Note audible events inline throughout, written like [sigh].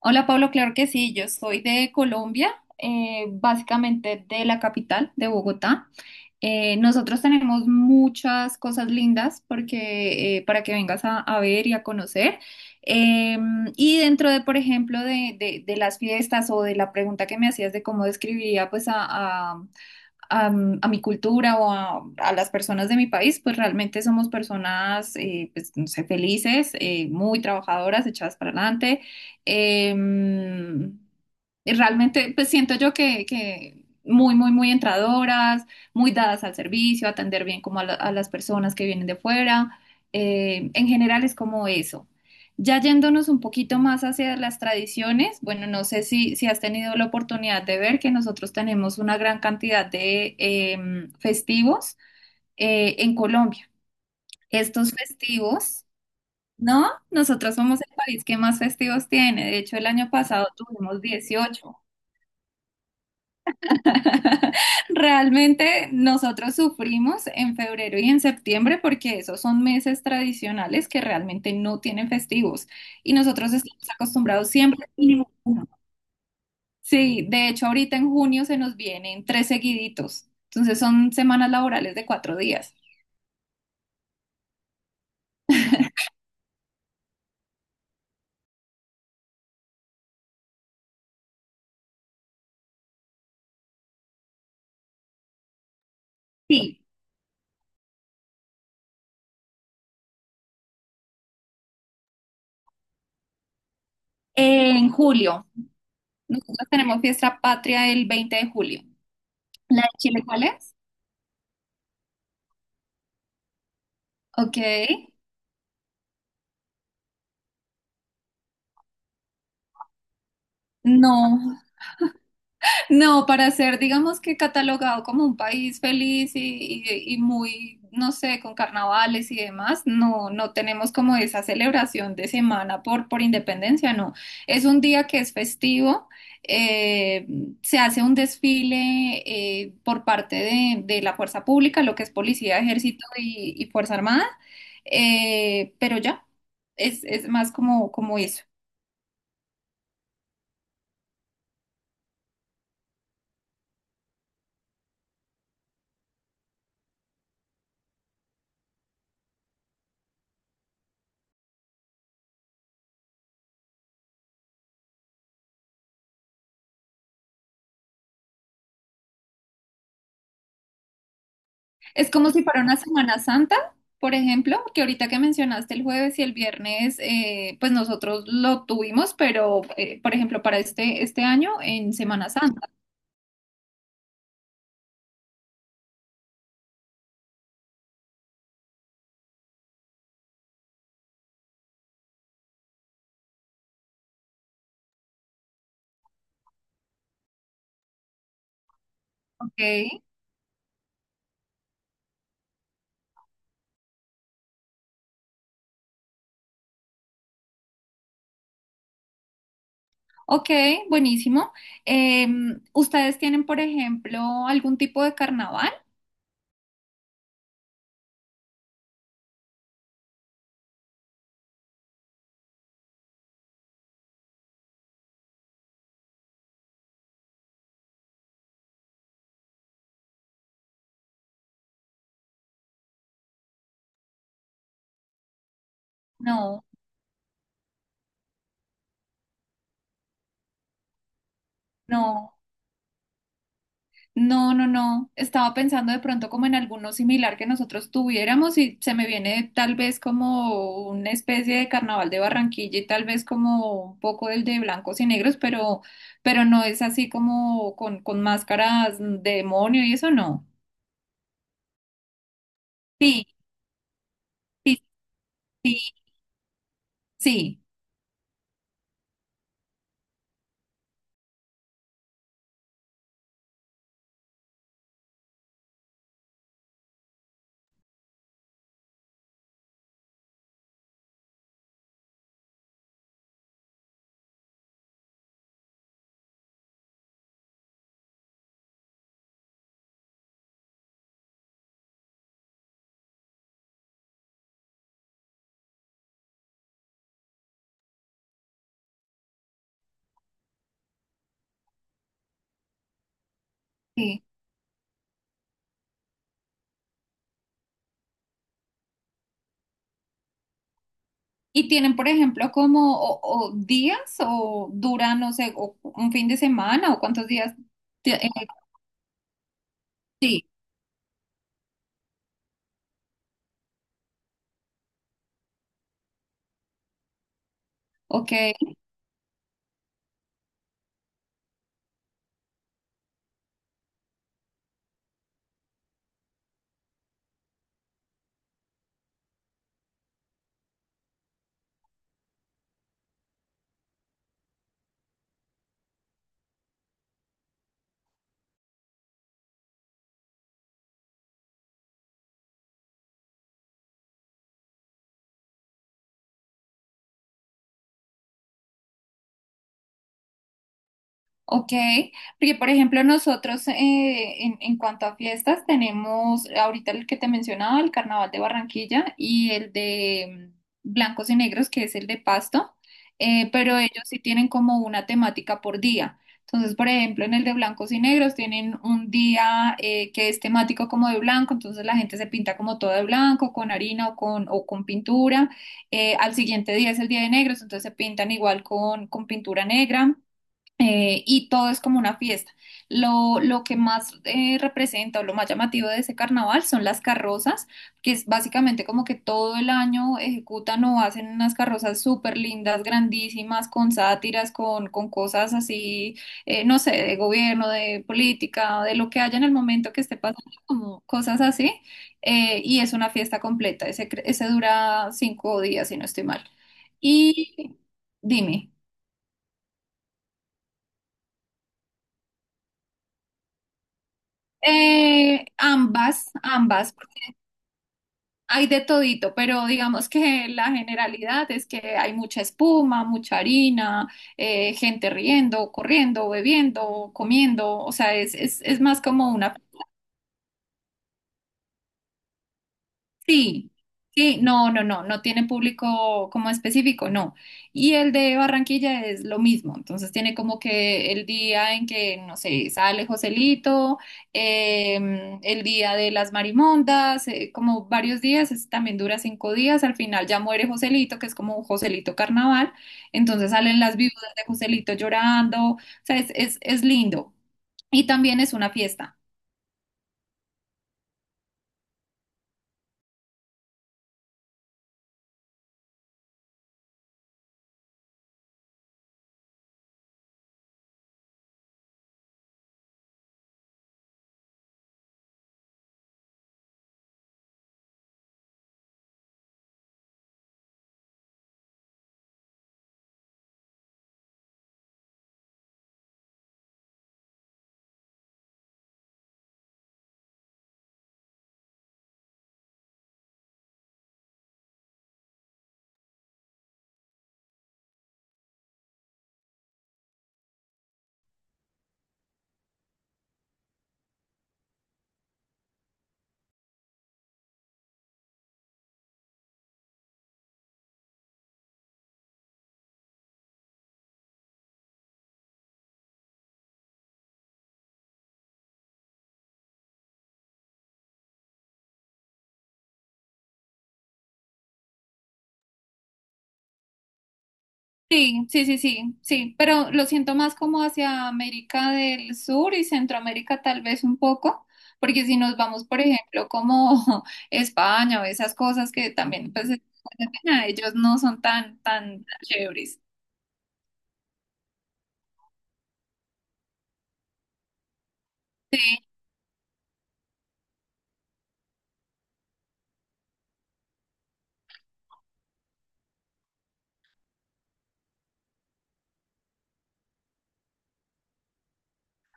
Hola Pablo, claro que sí, yo soy de Colombia, básicamente de la capital, de Bogotá. Nosotros tenemos muchas cosas lindas porque, para que vengas a ver y a conocer. Eh, y dentro de, por ejemplo, de las fiestas o de la pregunta que me hacías de cómo describiría pues a mi cultura o a las personas de mi país, pues realmente somos personas, pues, no sé, felices, muy trabajadoras, echadas para adelante. Em, y realmente, pues siento yo que muy, muy, muy entradoras, muy dadas al servicio, atender bien como a las personas que vienen de fuera. En general es como eso. Ya yéndonos un poquito más hacia las tradiciones, bueno, no sé si has tenido la oportunidad de ver que nosotros tenemos una gran cantidad de festivos en Colombia. Estos festivos, ¿no? Nosotros somos el país que más festivos tiene. De hecho, el año pasado tuvimos 18. [laughs] Realmente nosotros sufrimos en febrero y en septiembre porque esos son meses tradicionales que realmente no tienen festivos y nosotros estamos acostumbrados siempre. A mínimo uno. Sí, de hecho ahorita en junio se nos vienen tres seguiditos, entonces son semanas laborales de cuatro días. Sí, en julio. Nosotros tenemos fiesta patria el 20 de julio. ¿La de Chile cuál es? Ok. No, no, para ser, digamos que catalogado como un país feliz y, y muy, no sé, con carnavales y demás, no, no tenemos como esa celebración de semana por independencia, no. Es un día que es festivo, eh, se hace un desfile por parte de la fuerza pública, lo que es policía, ejército y fuerza armada, pero ya, es más como, como eso. Es como si fuera una Semana Santa, por ejemplo, que ahorita que mencionaste el jueves y el viernes, pues nosotros lo tuvimos, pero por ejemplo para este, este año en Semana Santa, ¿ok? Ok, buenísimo. ¿Ustedes tienen, por ejemplo, algún tipo de carnaval? No, no. No, no, no. Estaba pensando de pronto como en alguno similar que nosotros tuviéramos y se me viene tal vez como una especie de carnaval de Barranquilla y tal vez como un poco el de blancos y negros, pero no es así como con máscaras de demonio y eso no. Sí, sí, sí, sí, sí. Y tienen, por ejemplo, como o días o duran, no sé, o un fin de semana o cuántos días. ti- eh, sí, ok. Ok, porque por ejemplo nosotros en cuanto a fiestas tenemos ahorita el que te mencionaba, el Carnaval de Barranquilla y el de Blancos y Negros, que es el de Pasto, pero ellos sí tienen como una temática por día. Entonces, por ejemplo, en el de Blancos y Negros tienen un día que es temático como de blanco, entonces la gente se pinta como todo de blanco, con harina o con pintura. Al siguiente día es el día de negros, entonces se pintan igual con pintura negra y todo es como una fiesta. Lo que más representa o lo más llamativo de ese carnaval son las carrozas, que es básicamente como que todo el año ejecutan o hacen unas carrozas súper lindas, grandísimas, con sátiras, con cosas así, no sé, de gobierno, de política, de lo que haya en el momento que esté pasando, como cosas así. Eh, y es una fiesta completa. Ese dura 5 días, si no estoy mal. Y dime. Ambas, ambas, hay de todito, pero digamos que la generalidad es que hay mucha espuma, mucha harina, gente riendo, corriendo, bebiendo, comiendo, o sea, es más como una. Sí, sí, no, no, no, no tiene público como específico, no. Y el de Barranquilla es lo mismo, entonces tiene como que el día en que, no sé, sale Joselito, el día de las marimondas, como varios días, también dura 5 días, al final ya muere Joselito, que es como un Joselito carnaval, entonces salen las viudas de Joselito llorando, o sea, es lindo. Y también es una fiesta. Sí, sí, sí, sí, sí, pero lo siento más como hacia América del Sur y Centroamérica tal vez un poco, porque si nos vamos, por ejemplo, como [laughs] España o esas cosas que también, pues, ellos no son tan, tan chéveres.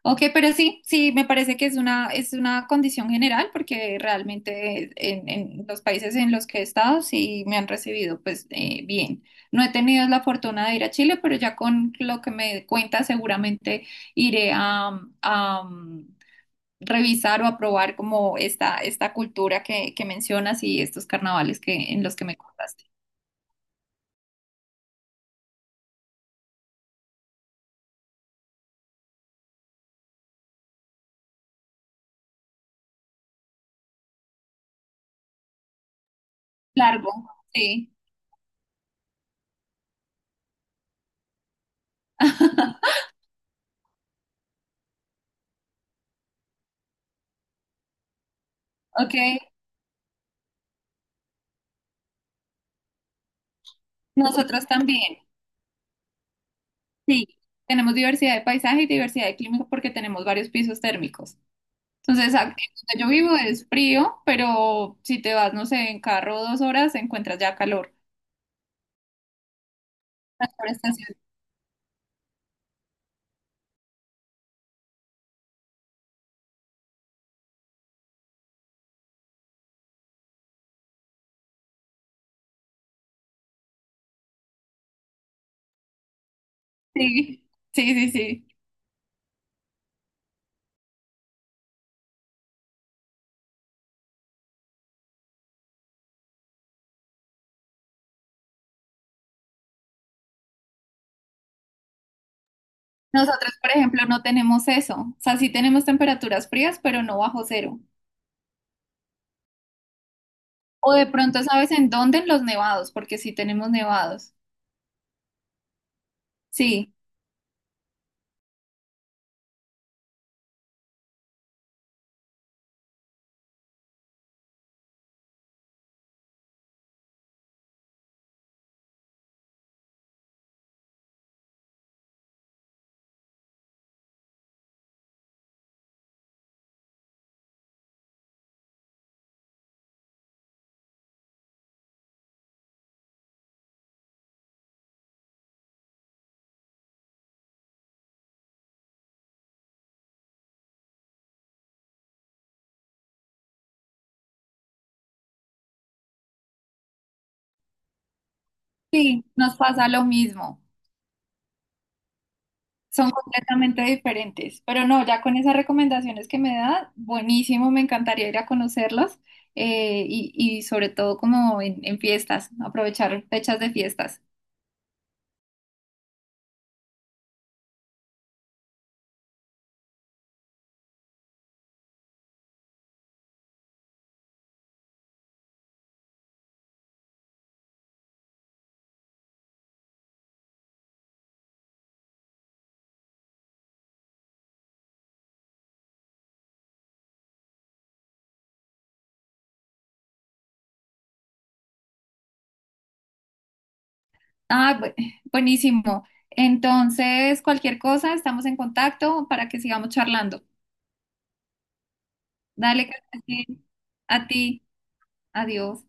Ok, pero sí, sí, me parece que es una condición general porque realmente en los países en los que he estado sí me han recibido pues bien. No he tenido la fortuna de ir a Chile, pero ya con lo que me cuenta seguramente iré a, revisar o a probar como esta cultura que mencionas y estos carnavales que, en los que me contaste. Largo, sí. [laughs] Ok, nosotros también. Sí, tenemos diversidad de paisaje y diversidad de clima porque tenemos varios pisos térmicos. Entonces, en donde yo vivo es frío, pero si te vas, no sé, en carro 2 horas, encuentras ya calor. Las forestaciones. Sí, sí, sí, sí. Nosotros, por ejemplo, no tenemos eso. O sea, sí tenemos temperaturas frías, pero no bajo cero. O de pronto, ¿sabes en dónde? En los nevados, porque sí tenemos nevados. Sí, sí, nos pasa lo mismo. Son completamente diferentes, pero no, ya con esas recomendaciones que me da, buenísimo, me encantaría ir a conocerlos y sobre todo como en fiestas, aprovechar fechas de fiestas. Ah, bu- Buenísimo. Entonces, cualquier cosa, estamos en contacto para que sigamos charlando. Dale, que estés bien. A ti, adiós.